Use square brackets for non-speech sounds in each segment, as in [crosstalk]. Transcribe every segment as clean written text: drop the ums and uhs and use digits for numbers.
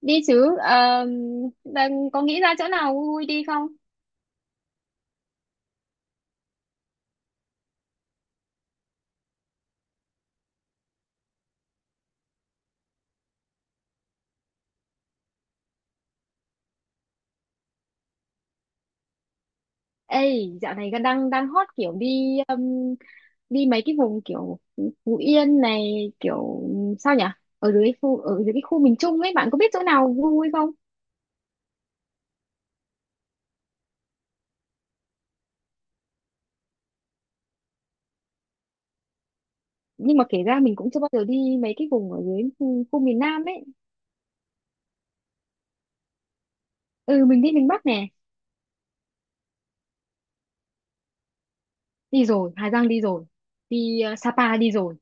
Đi chứ. Ờ, Đang có nghĩ ra chỗ nào vui vui đi không? Ê, dạo này đang đang hot kiểu đi đi mấy cái vùng kiểu Phú Yên này, kiểu sao nhỉ, ở dưới cái khu miền Trung ấy, bạn có biết chỗ nào vui vui không? Nhưng mà kể ra mình cũng chưa bao giờ đi mấy cái vùng ở dưới khu miền Nam ấy. Ừ, mình đi miền Bắc nè. Đi rồi, Hà Giang đi rồi. Đi Sapa đi rồi.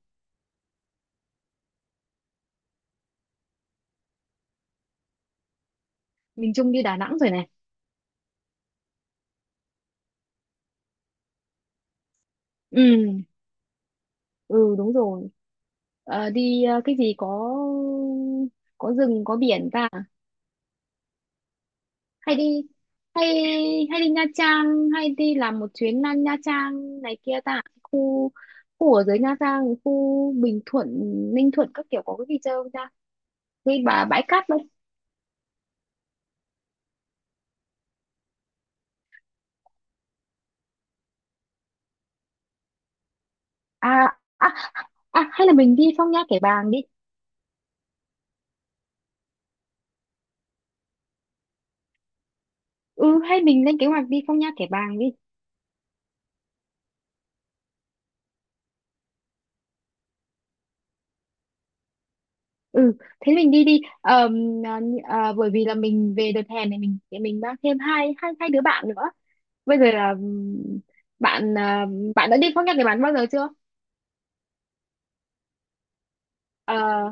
Miền Trung đi Đà Nẵng rồi này. Ừ ừ đúng rồi. Đi cái gì có rừng có biển ta. Hay đi hay hay đi Nha Trang, hay đi làm một chuyến Nha Nha Trang này kia ta, khu khu ở dưới Nha Trang, khu Bình Thuận, Ninh Thuận các kiểu, có cái gì chơi không ta? Cái bà bãi cát đâu? à à Hay là mình đi Phong Nha Kẻ Bàng đi. Ừ, hay mình lên kế hoạch đi Phong Nha Kẻ Bàng đi. Ừ, thế mình đi đi bởi vì là mình về đợt hè này, mình mang thêm hai hai hai đứa bạn nữa. Bây giờ là, bạn à, bạn đã đi phong nhạc để bạn bao giờ chưa? Ờ,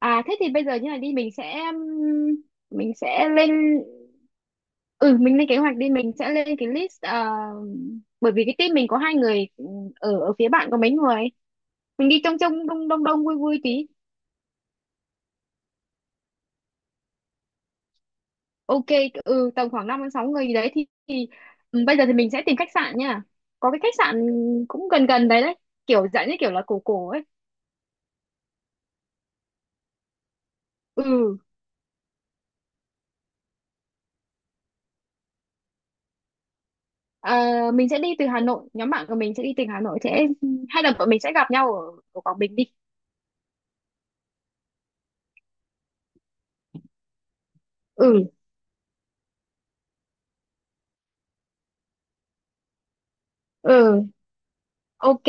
Thế thì bây giờ như này đi, mình sẽ lên. Ừ, mình lên kế hoạch đi, mình sẽ lên cái list, bởi vì cái team mình có hai người. Ừ, ở ở phía bạn có mấy người? Mình đi trong trong đông đông đông vui vui tí. Ok, ừ, tầm khoảng 5 đến 6 người gì đấy thì. Ừ, bây giờ thì mình sẽ tìm khách sạn nha. Có cái khách sạn cũng gần gần đấy đấy, kiểu dạng như kiểu là cổ cổ ấy. Ừ, mình sẽ đi từ Hà Nội, nhóm bạn của mình sẽ đi từ Hà Nội sẽ, hay là bọn mình sẽ gặp nhau ở Quảng Bình đi. Ừ, ừ, ok.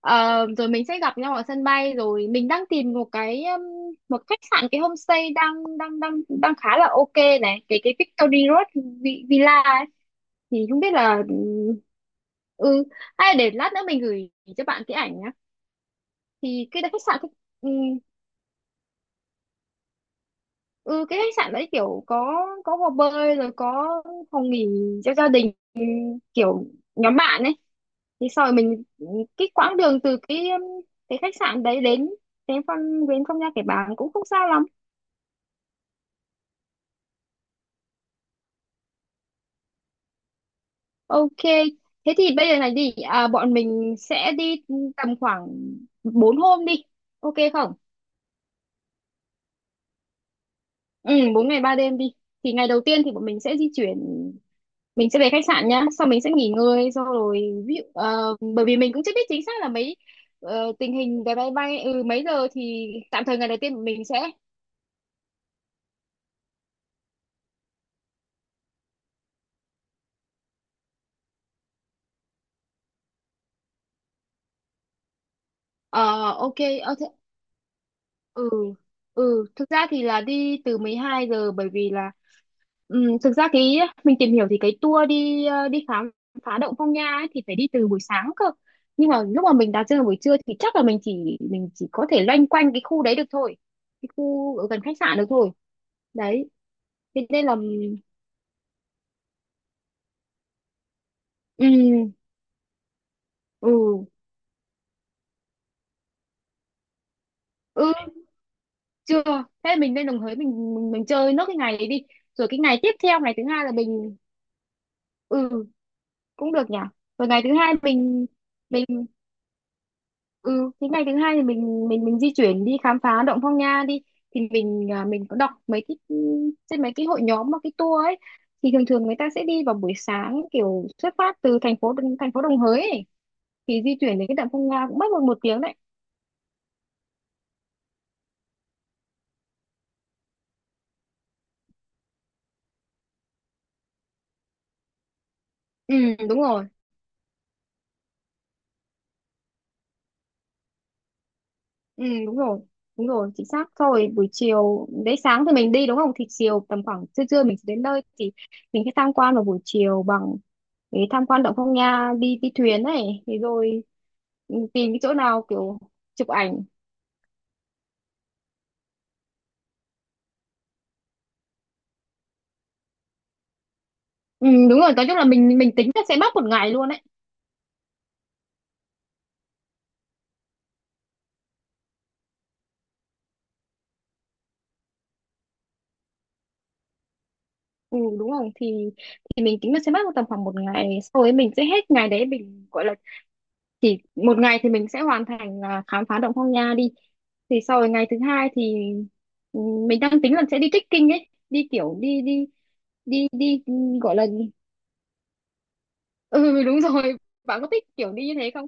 Rồi mình sẽ gặp nhau ở sân bay, rồi mình đang tìm một cái một khách sạn, cái homestay đang đang đang đang khá là ok này, cái Victory Road Villa ấy. Thì không biết là, ừ hay là để lát nữa mình gửi cho bạn cái ảnh nhá. Thì ừ, ừ cái khách sạn đấy kiểu có hồ bơi rồi có phòng nghỉ cho gia đình kiểu nhóm bạn ấy. Thì sau rồi mình, cái quãng đường từ cái khách sạn đấy đến đến phong đến không nha kẻ bàng cũng không xa lắm. Ok, thế thì bây giờ này đi, bọn mình sẽ đi tầm khoảng 4 hôm đi, ok không? Ừ, 4 ngày 3 đêm đi. Thì ngày đầu tiên thì bọn mình sẽ di chuyển, mình sẽ về khách sạn nhá, sau mình sẽ nghỉ ngơi, sau rồi ví dụ bởi vì mình cũng chưa biết chính xác là mấy, tình hình vé máy bay, mấy giờ thì tạm thời ngày đầu tiên bọn mình sẽ, ờ, ok, thế, ừ thực ra thì là đi từ 12 giờ, bởi vì là, thực ra cái mình tìm hiểu thì cái tour đi đi khám phá động Phong Nha ấy, thì phải đi từ buổi sáng cơ. Nhưng mà lúc mà mình đặt chân vào buổi trưa thì chắc là mình chỉ có thể loanh quanh cái khu đấy được thôi, cái khu ở gần khách sạn được thôi. Đấy, thế nên là. ừ ừ ừ Chưa. Thế mình lên Đồng Hới, mình chơi nốt cái ngày đấy đi. Rồi cái ngày tiếp theo, ngày thứ hai là mình, ừ, cũng được nhỉ. Rồi ngày thứ hai mình Ừ, thì ngày thứ hai thì mình di chuyển đi khám phá động Phong Nha đi. Thì mình có đọc mấy cái trên mấy cái hội nhóm mà cái tour ấy thì thường thường người ta sẽ đi vào buổi sáng, kiểu xuất phát từ thành phố, thành phố Đồng Hới ấy. Thì di chuyển đến cái động Phong Nha cũng mất một một tiếng đấy. Ừ đúng rồi. Ừ đúng rồi, đúng rồi, chính xác. Sau rồi buổi chiều đấy, sáng thì mình đi đúng không, thì chiều tầm khoảng trưa trưa mình sẽ đến nơi, thì mình sẽ tham quan vào buổi chiều bằng để tham quan động Phong Nha, đi đi thuyền này, thì rồi tìm cái chỗ nào kiểu chụp ảnh. Ừ, Đúng rồi, nói chung là mình tính là sẽ mất một ngày luôn đấy. Ừ đúng rồi, thì mình tính là sẽ mất tầm khoảng một ngày, sau ấy mình sẽ hết ngày đấy, mình gọi là chỉ một ngày thì mình sẽ hoàn thành, khám phá động Phong Nha đi. Thì sau rồi ngày thứ hai thì, ừ, mình đang tính là sẽ đi trekking ấy đi kiểu đi đi đi đi gọi là, ừ [laughs] đúng rồi. Bạn có thích kiểu đi như thế không?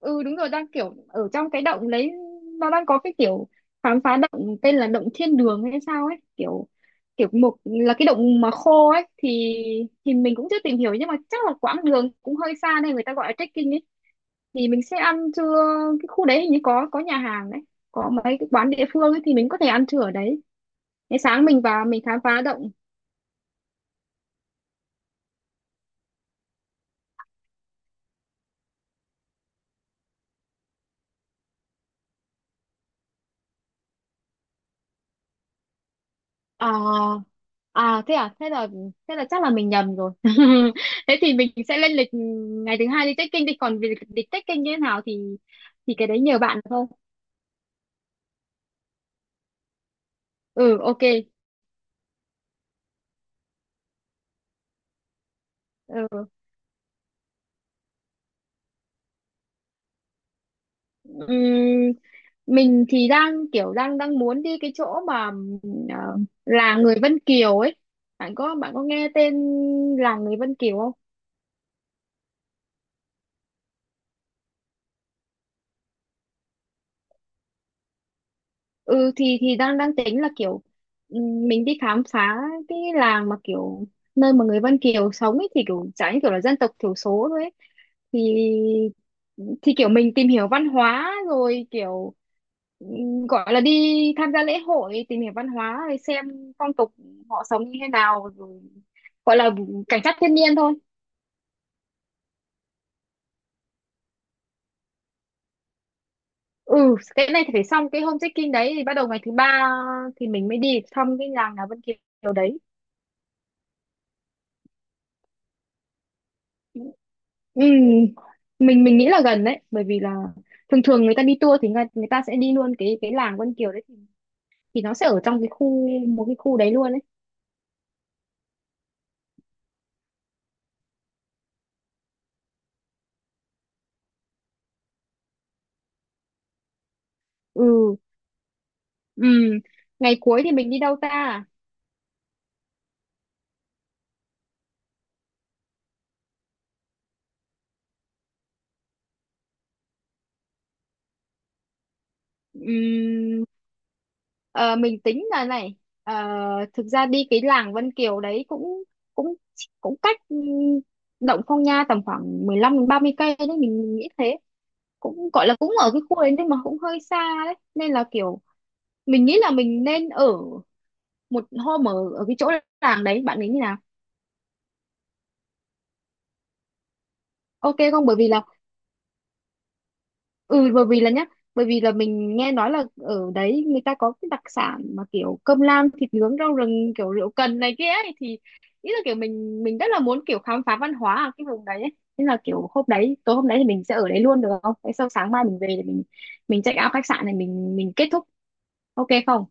Ừ đúng rồi, đang kiểu ở trong cái động đấy, nó đang có cái kiểu khám phá động tên là động thiên đường hay sao ấy, kiểu kiểu một là cái động mà khô ấy, thì mình cũng chưa tìm hiểu nhưng mà chắc là quãng đường cũng hơi xa nên người ta gọi là trekking ấy. Thì mình sẽ ăn trưa, cái khu đấy hình như có nhà hàng đấy, có mấy cái quán địa phương ấy, thì mình có thể ăn trưa ở đấy. Thế sáng mình vào mình khám phá động. À, Thế là, thế là chắc là mình nhầm rồi [laughs] thế thì mình sẽ lên lịch, ngày thứ hai đi trekking đi, còn việc lịch trekking như thế nào thì cái đấy nhờ bạn thôi. Ừ, ok, ừ. Ừm, mình thì đang kiểu đang đang muốn đi cái chỗ mà ờ, làng người Vân Kiều ấy, bạn có nghe tên làng người Vân Kiều không? Ừ, thì đang đang tính là kiểu mình đi khám phá cái làng mà kiểu nơi mà người Vân Kiều sống ấy, thì kiểu chả như kiểu là dân tộc thiểu số thôi ấy. thì thì kiểu mình tìm hiểu văn hóa rồi kiểu gọi là đi tham gia lễ hội, tìm hiểu văn hóa rồi xem phong tục họ sống như thế nào rồi, gọi là cảnh sát thiên nhiên thôi. Ừ, cái này thì phải xong cái home trekking đấy thì bắt đầu ngày thứ ba, thì mình mới đi thăm cái làng nhà Vân Kiều đấy. Ừ. Ừ, mình nghĩ là gần đấy bởi vì là thường thường người ta đi tour thì người ta sẽ đi luôn cái làng Vân Kiều đấy, thì nó sẽ ở trong cái khu, một cái khu đấy luôn đấy. ừ ừ Ngày cuối thì mình đi đâu ta? ừ, ờ, mình tính là này, ờ, thực ra đi cái làng Vân Kiều đấy cũng cũng cũng cách, Động Phong Nha tầm khoảng 15 đến 30 cây đấy, mình nghĩ thế. Cũng gọi là cũng ở cái khu đấy nhưng mà cũng hơi xa đấy nên là kiểu mình nghĩ là mình nên ở một hôm ở ở cái chỗ làng đấy, bạn nghĩ như nào? Ok không? Bởi vì là, ừ bởi vì là nhá, bởi vì là mình nghe nói là ở đấy người ta có cái đặc sản mà kiểu cơm lam, thịt nướng, rau rừng, kiểu rượu cần này kia ấy, thì ý là kiểu mình rất là muốn kiểu khám phá văn hóa ở cái vùng đấy ấy. Thế là kiểu hôm đấy, tối hôm đấy thì mình sẽ ở đấy luôn được không? Thế sau sáng mai mình về thì mình check out khách sạn này, mình kết thúc, ok không?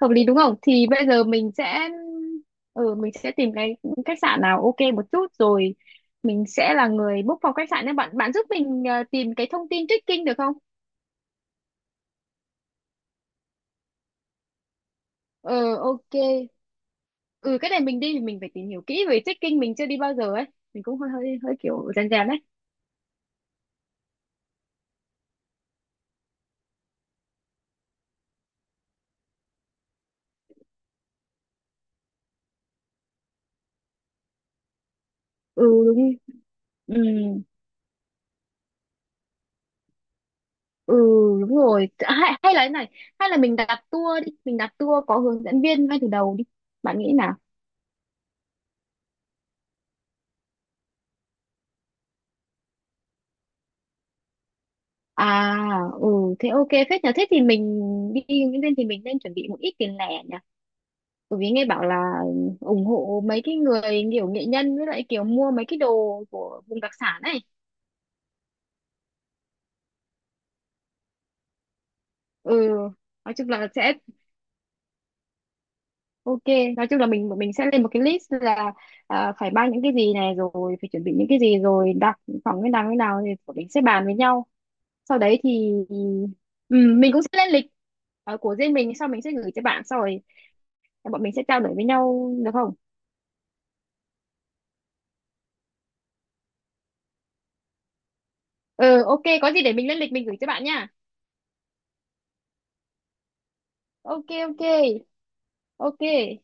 Hợp lý đúng không, thì bây giờ mình sẽ, mình sẽ tìm cái khách sạn nào ok một chút rồi. Mình sẽ là người book phòng khách sạn nên bạn bạn giúp mình tìm cái thông tin trekking được không? Ờ ok. Ừ, cái này mình đi thì mình phải tìm hiểu kỹ về trekking, mình chưa đi bao giờ ấy, mình cũng hơi hơi hơi kiểu rèn rèn đấy. Ừ đúng, ừ, ừ đúng rồi, hay là thế này, hay là mình đặt tour đi, mình đặt tour có hướng dẫn viên ngay từ đầu đi, bạn nghĩ nào? À, ừ, Thế ok phết nhờ. Thế thì mình đi Nguyễn Viên thì mình nên chuẩn bị một ít tiền lẻ nhỉ. Bởi vì nghe bảo là ủng hộ mấy cái người kiểu nghệ nhân với lại kiểu mua mấy cái đồ của vùng đặc sản này. Ừ, nói chung là sẽ ok. Nói chung là mình sẽ lên một cái list là, phải mang những cái gì này rồi, phải chuẩn bị những cái gì rồi, đặt phòng cái nào thì bọn mình sẽ bàn với nhau. Sau đấy thì, mình cũng sẽ lên lịch của riêng mình, sau mình sẽ gửi cho bạn, sau rồi bọn mình sẽ trao đổi với nhau được không? Ừ ok, có gì để mình lên lịch mình gửi cho bạn nha. Ok, ok, ok.